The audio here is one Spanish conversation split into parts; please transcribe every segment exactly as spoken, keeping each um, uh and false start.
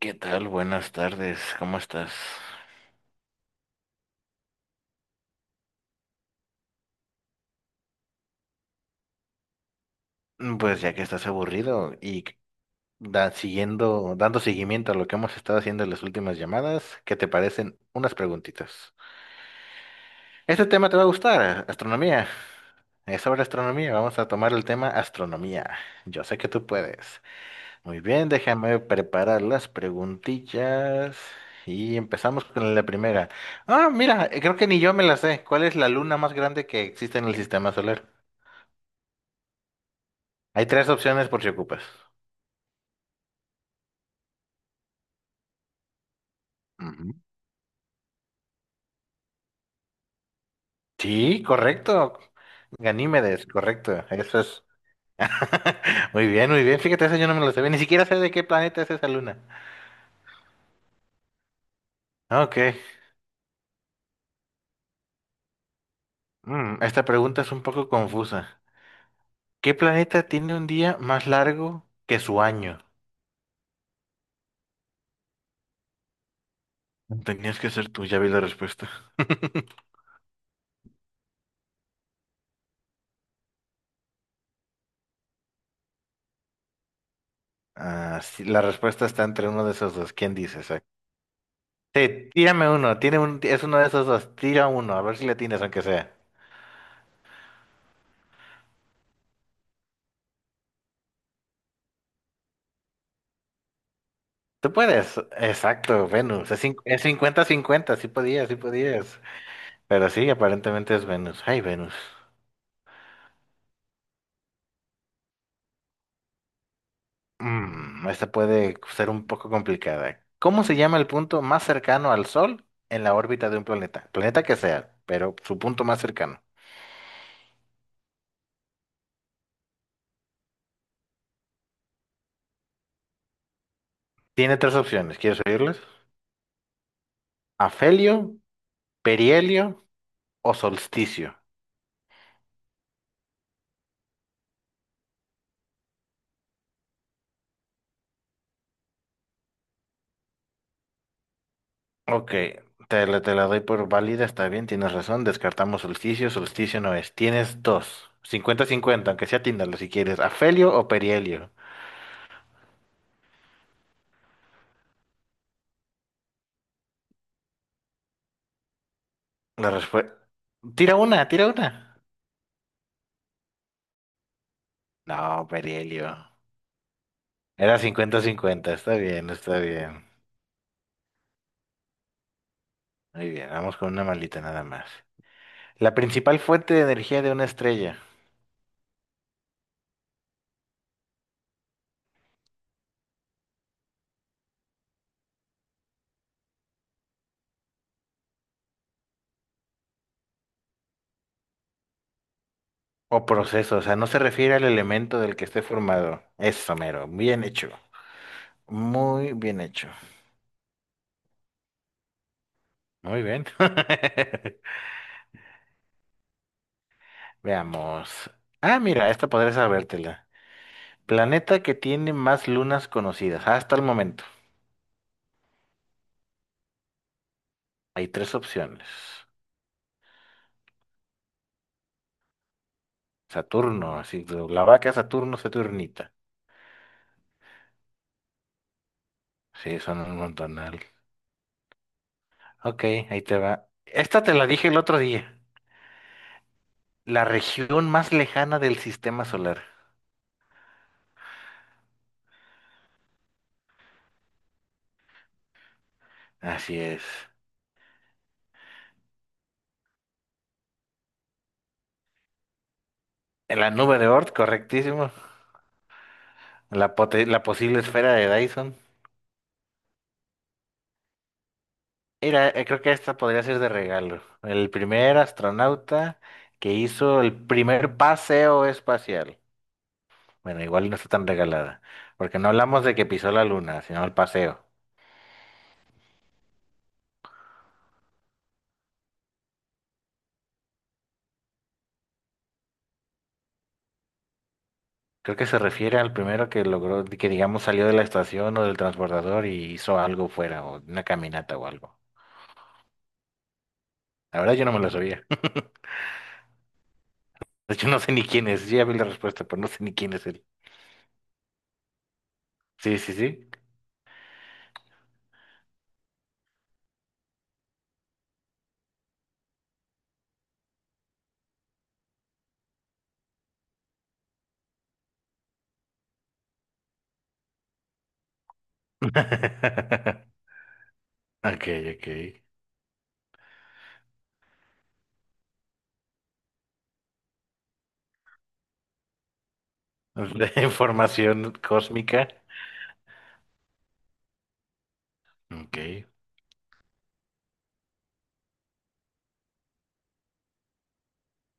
¿Qué tal? Buenas tardes, ¿cómo estás? Mm, Pues ya que estás aburrido y c- da- siguiendo, dando seguimiento a lo que hemos estado haciendo en las últimas llamadas, ¿qué te parecen unas preguntitas? Este tema te va a gustar, astronomía. Es sobre astronomía, vamos a tomar el tema astronomía. Yo sé que tú puedes. Muy bien, déjame preparar las preguntillas y empezamos con la primera. Ah, mira, eh, creo que ni yo me la sé. ¿Cuál es la luna más grande que existe en el sistema solar? Hay tres opciones por si ocupas. Ujú. Sí, correcto. Ganímedes, correcto. Eso es. Muy bien, muy bien. Fíjate, eso yo no me lo sabía. Ni siquiera sé de qué planeta es esa luna. Ok. Mm, esta pregunta es un poco confusa. ¿Qué planeta tiene un día más largo que su año? Tenías que ser tú, ya vi la respuesta. Ah, sí, la respuesta está entre uno de esos dos. ¿Quién dice exacto? Sí, tírame uno. Tiene un, es uno de esos dos. Tira uno, a ver si le tienes, aunque sea. Tú puedes, exacto, Venus. Es cin- es cincuenta cincuenta, sí podías, sí podías. Pero sí, aparentemente es Venus. Ay, Venus. Mm, esta puede ser un poco complicada. ¿Cómo se llama el punto más cercano al Sol en la órbita de un planeta? Planeta que sea, pero su punto más cercano. Tiene tres opciones, ¿quieres oírles? Afelio, perihelio o solsticio. Ok, te la, te la doy por válida, está bien, tienes razón. Descartamos solsticio, solsticio no es. Tienes dos, cincuenta-cincuenta, aunque sea tíndalo si quieres. ¿Afelio o perihelio? La respuesta. Tira una, tira una. No, perihelio. Era cincuenta-cincuenta, está bien, está bien. Muy bien, vamos con una malita nada más. La principal fuente de energía de una estrella o proceso, o sea, no se refiere al elemento del que esté formado. Eso, mero, bien hecho. Muy bien hecho. Muy bien. Veamos. Ah, mira, esta podré sabértela. Planeta que tiene más lunas conocidas. Ah, hasta el momento. Hay tres opciones. Saturno, así, la vaca Saturno, Saturnita. Sí, son un montonal. Ok, ahí te va. Esta te la dije el otro día. La región más lejana del sistema solar. Así es. En la nube de Oort, correctísimo. La, pote- la posible esfera de Dyson. Mira, eh, creo que esta podría ser de regalo. El primer astronauta que hizo el primer paseo espacial. Bueno, igual no está tan regalada, porque no hablamos de que pisó la luna, sino el paseo. Creo que se refiere al primero que logró, que digamos salió de la estación o del transbordador y hizo algo fuera, o una caminata o algo. La verdad yo no me lo sabía. De hecho, no sé ni quién es. Yo ya vi la respuesta, pero no sé ni quién es él. Sí, sí, sí. Ok, ok. Información cósmica. Ok.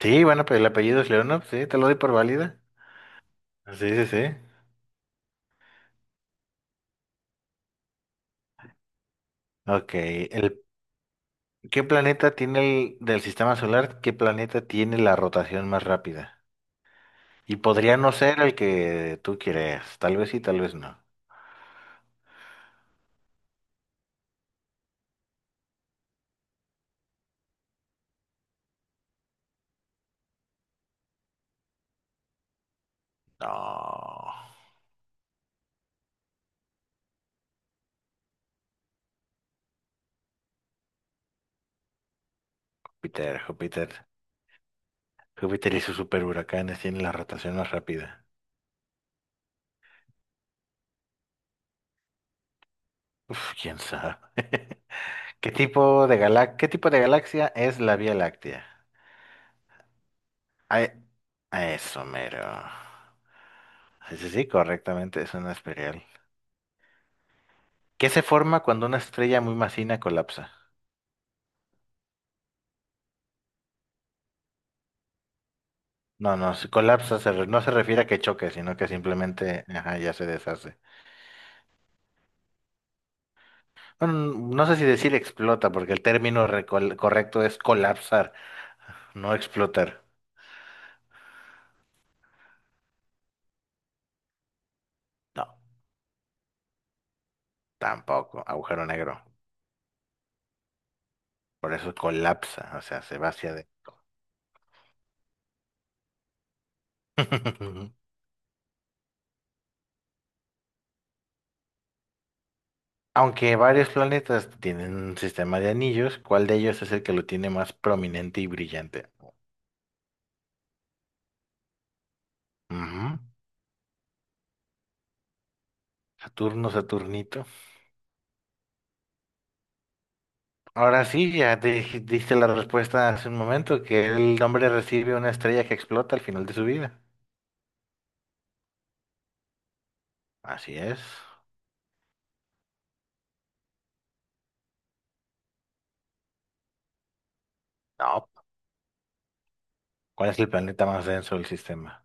Sí, bueno, pero el apellido es Leonov, sí, te lo doy por válida. Sí, sí, sí. Ok. El, ¿qué planeta tiene el del sistema solar? ¿Qué planeta tiene la rotación más rápida? Y podría no ser el que tú quieras. Tal vez sí, tal vez no. No. Júpiter, Júpiter. Júpiter y sus superhuracanes tienen la rotación más rápida. Uf, quién sabe. ¿Qué tipo de galax- ¿Qué tipo de galaxia es la Vía Láctea? Ay, a eso mero. Sí, sí, sí, correctamente, es una espiral. ¿Qué se forma cuando una estrella muy masiva colapsa? No, no, si colapsa se re- no se refiere a que choque, sino que simplemente ajá, ya se deshace. Bueno, no sé si decir explota, porque el término recol- correcto es colapsar, no explotar. No, tampoco, agujero negro. Por eso colapsa, o sea, se va hacia adentro. Aunque varios planetas tienen un sistema de anillos, ¿cuál de ellos es el que lo tiene más prominente y brillante? Ujú. Saturno, Saturnito. Ahora sí, ya te dij- diste la respuesta hace un momento, que el hombre recibe una estrella que explota al final de su vida. Así es. No. ¿Cuál es el planeta más denso del sistema?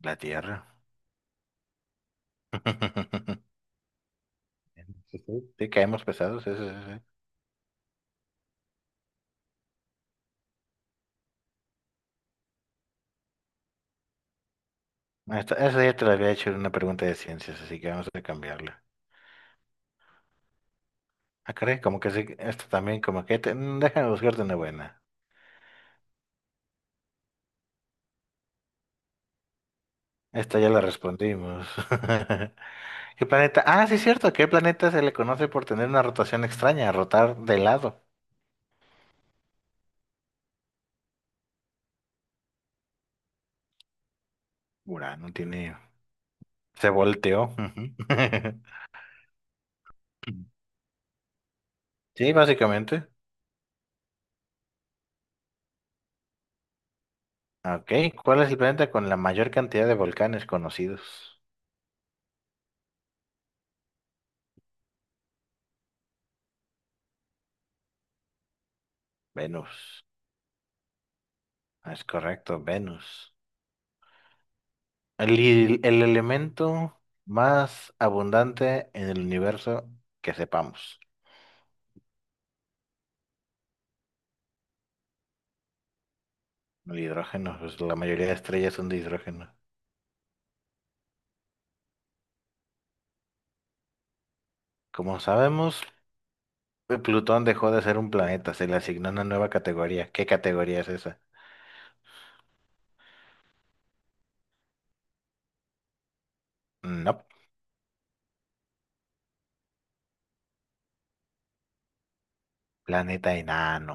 La Tierra. Sí, sí. Sí, caemos pesados, eso sí. Esta, esa ya te la había hecho en una pregunta de ciencias, así que vamos a cambiarla. Ah, caray, como que sí, esta también, como que te- mm, déjame buscarte una buena. Esta ya la respondimos. ¿Qué planeta? Ah, sí, es cierto. ¿Qué planeta se le conoce por tener una rotación extraña, rotar de lado? Urano tiene... Se volteó. Ujú. Sí, básicamente. Ok, ¿cuál es el planeta con la mayor cantidad de volcanes conocidos? Venus. Ah, es correcto, Venus. El, il- el elemento más abundante en el universo que sepamos. El hidrógeno, pues la mayoría de estrellas son de hidrógeno. Como sabemos, eh, Plutón dejó de ser un planeta, se le asignó una nueva categoría. ¿Qué categoría es esa? No, planeta enano.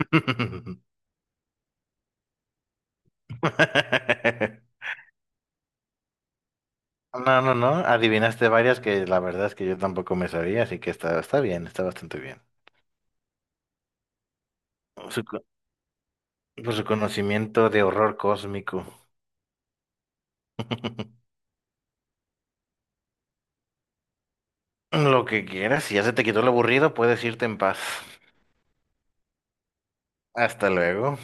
No, no, no, adivinaste varias que la verdad es que yo tampoco me sabía, así que está, está bien, está bastante bien. Su co- por su conocimiento de horror cósmico. Lo que quieras, si ya se te quitó lo aburrido, puedes irte en paz. Hasta luego.